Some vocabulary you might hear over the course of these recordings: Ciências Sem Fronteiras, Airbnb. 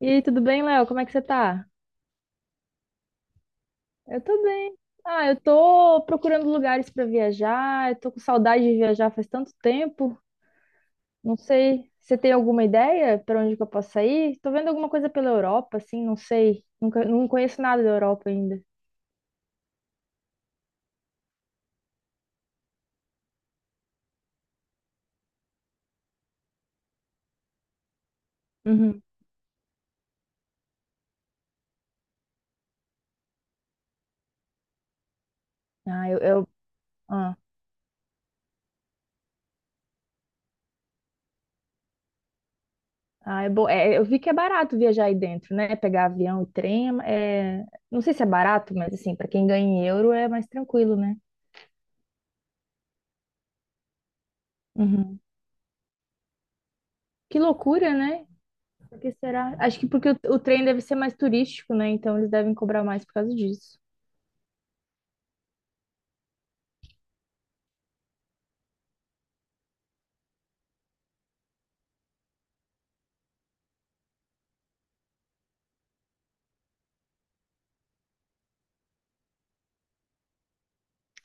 E aí, tudo bem, Léo? Como é que você tá? Eu tô bem. Eu tô procurando lugares pra viajar, eu tô com saudade de viajar faz tanto tempo. Não sei, você tem alguma ideia pra onde que eu possa ir? Tô vendo alguma coisa pela Europa, assim, não sei. Nunca, Não conheço nada da Europa ainda. Uhum. Ah, eu, eu- ah, é bom. É, eu vi que é barato viajar aí dentro, né? Pegar avião e trem, não sei se é barato, mas assim, pra quem ganha em euro é mais tranquilo, né? Uhum. Que loucura, né? Porque será? Acho que porque o trem deve ser mais turístico, né? Então eles devem cobrar mais por causa disso.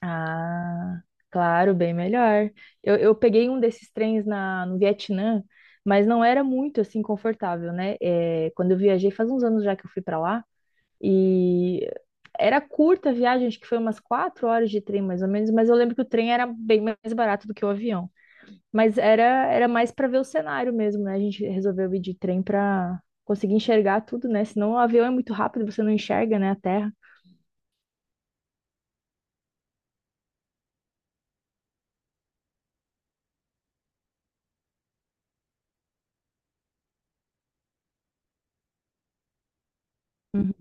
Ah, claro, bem melhor. Eu peguei um desses trens no Vietnã, mas não era muito assim confortável, né? É, quando eu viajei, faz uns anos já que eu fui para lá, e era curta a viagem, acho que foi umas quatro horas de trem mais ou menos, mas eu lembro que o trem era bem mais barato do que o avião. Mas era, era mais para ver o cenário mesmo, né? A gente resolveu ir de trem para conseguir enxergar tudo, né? Senão o avião é muito rápido, você não enxerga, né, a terra. Uhum.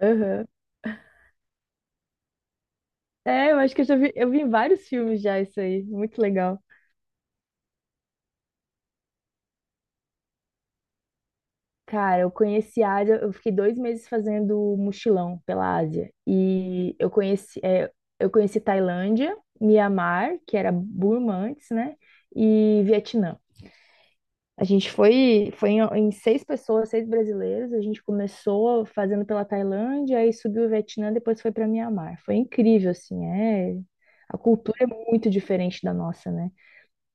Aham. É, eu acho que eu já vi, eu vi em vários filmes já isso aí. Muito legal. Cara, eu conheci a Ásia, eu fiquei dois meses fazendo mochilão pela Ásia. Eu conheci Tailândia, Mianmar, que era Burma antes, né? E Vietnã. A gente foi, foi em, Em seis pessoas, seis brasileiros. A gente começou fazendo pela Tailândia, aí subiu o Vietnã, depois foi para Mianmar. Foi incrível, assim, é. A cultura é muito diferente da nossa, né?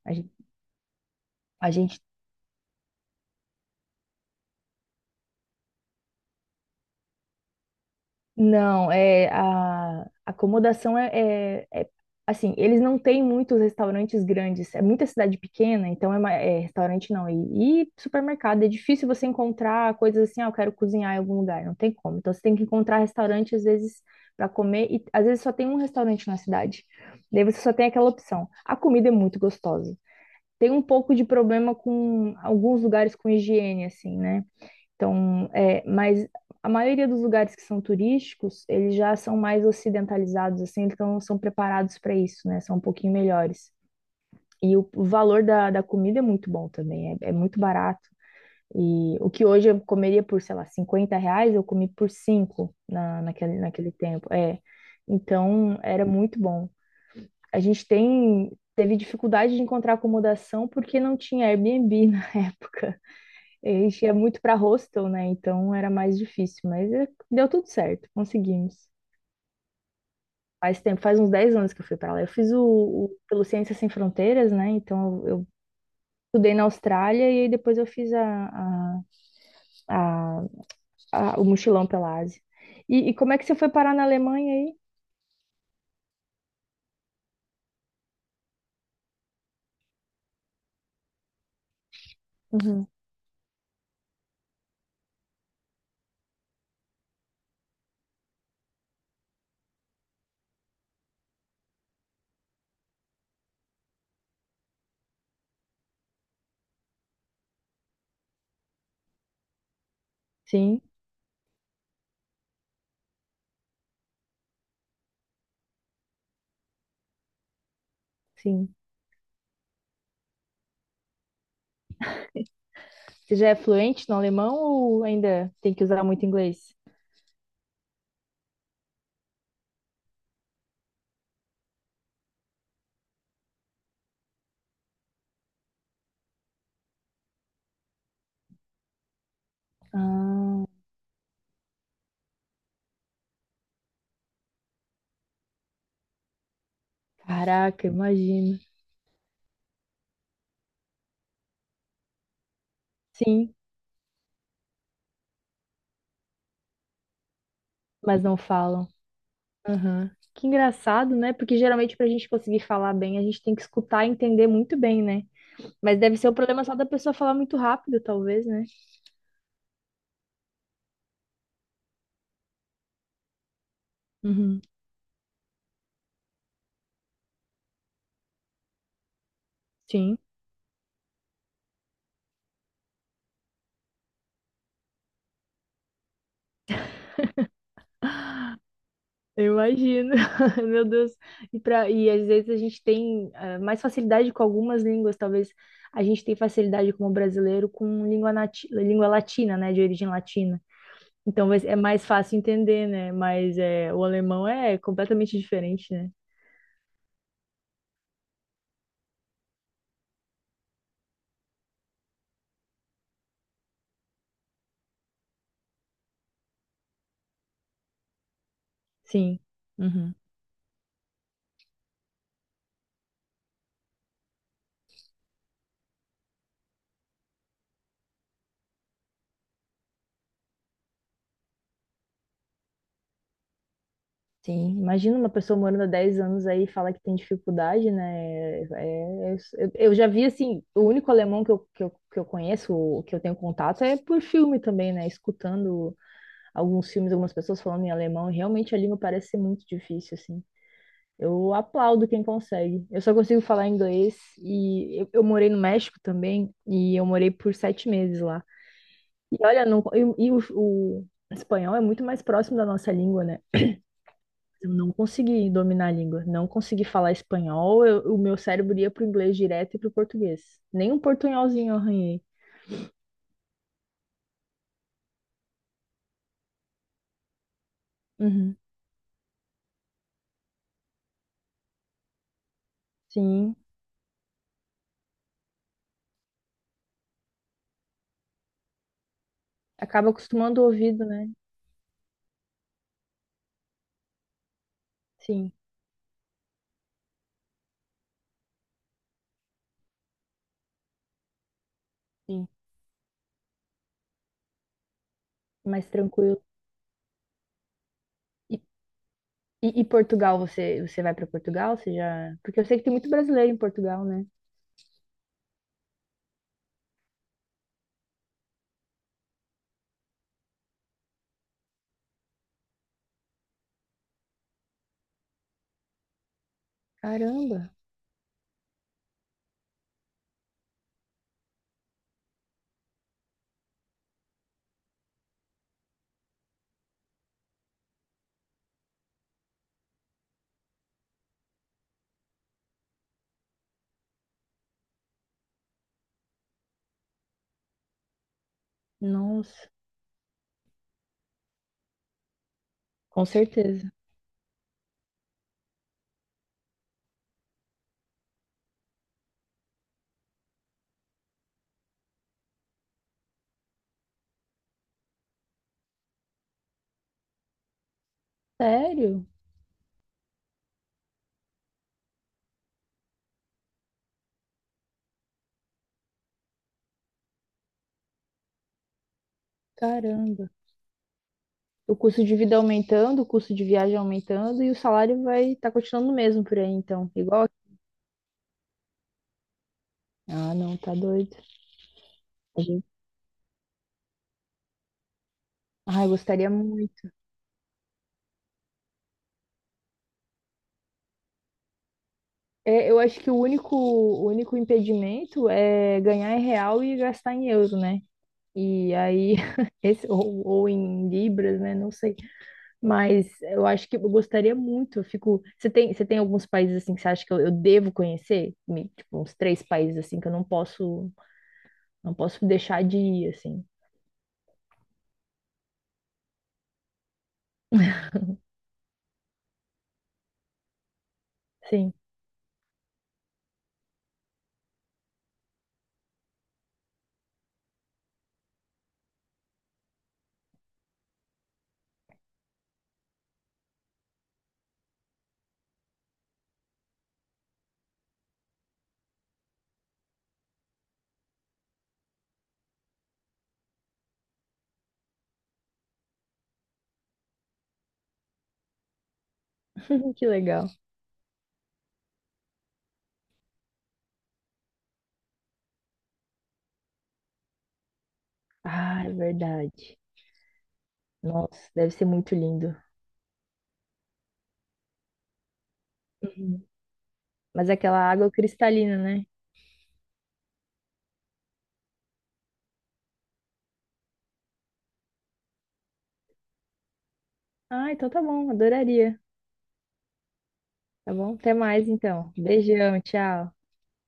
A gen- a gente, Não, é a acomodação assim, eles não têm muitos restaurantes grandes, é muita cidade pequena, então é, é restaurante não, e supermercado, é difícil você encontrar coisas assim, ah, eu quero cozinhar em algum lugar, não tem como. Então você tem que encontrar restaurante às vezes para comer e às vezes só tem um restaurante na cidade. Daí você só tem aquela opção. A comida é muito gostosa. Tem um pouco de problema com alguns lugares com higiene assim, né? Então, é, mas a maioria dos lugares que são turísticos, eles já são mais ocidentalizados, assim, então são preparados para isso, né? São um pouquinho melhores. E o valor da comida é muito bom também, é muito barato. E o que hoje eu comeria por, sei lá, 50 reais, eu comi por 5 naquele, naquele tempo. É. Então, era muito bom. A gente tem, teve dificuldade de encontrar acomodação porque não tinha Airbnb na época. A gente ia muito para hostel, né? Então era mais difícil, mas deu tudo certo, conseguimos. Faz tempo, faz uns 10 anos que eu fui para lá. Eu fiz o- Pelo Ciências Sem Fronteiras, né? Então eu estudei na Austrália e aí depois eu fiz a- a- o mochilão pela Ásia. E como é que você foi parar na Alemanha aí? Uhum. Sim, sim. Você já é fluente no alemão ou ainda tem que usar muito inglês? Caraca, imagino. Sim, mas não falam. Aham. Que engraçado, né? Porque geralmente para a gente conseguir falar bem, a gente tem que escutar e entender muito bem, né? Mas deve ser o problema só da pessoa falar muito rápido, talvez, né? Uhum. Sim, eu imagino. Meu Deus. E às vezes a gente tem mais facilidade com algumas línguas, talvez a gente tem facilidade como brasileiro com língua, nati língua latina, né? De origem latina. É mais fácil entender, né? Mas é, o alemão é completamente diferente, né? Sim. Uhum. Sim, imagina uma pessoa morando há 10 anos aí e falar que tem dificuldade, né? Eu já vi, assim, o único alemão que eu conheço, o que eu tenho contato, é por filme também, né? Escutando alguns filmes, algumas pessoas falando em alemão, e realmente a língua parece ser muito difícil, assim. Eu aplaudo quem consegue. Eu só consigo falar inglês e eu morei no México também, e eu morei por sete meses lá. E olha, não, e o espanhol é muito mais próximo da nossa língua, né? Eu não consegui dominar a língua, não consegui falar espanhol, o meu cérebro ia pro inglês direto e pro português. Nem um portunholzinho eu arranhei. Uhum. Sim, acaba acostumando o ouvido, né? Sim, sim, mais tranquilo. E, e Portugal, você vai para Portugal? Você já... Porque eu sei que tem muito brasileiro em Portugal, né? Caramba, nossa, com certeza. Sério? Caramba. O custo de vida aumentando, o custo de viagem aumentando e o salário vai estar tá continuando o mesmo por aí, então. Igual aqui. Ah, não, tá doido. A gente- ai, gostaria muito. É, eu acho que o único impedimento é ganhar em real e gastar em euro, né? E aí, esse, ou em libras, né? Não sei. Mas eu acho que eu gostaria muito. Eu fico. Você tem alguns países assim que você acha que eu devo conhecer? Tipo, uns três países assim que eu não posso, não posso deixar de ir, assim. Sim. Que legal. Ah, é verdade. Nossa, deve ser muito lindo. Uhum. Mas é aquela água cristalina, né? Ah, então tá bom, adoraria. Tá bom? Até mais então. Beijão, tchau.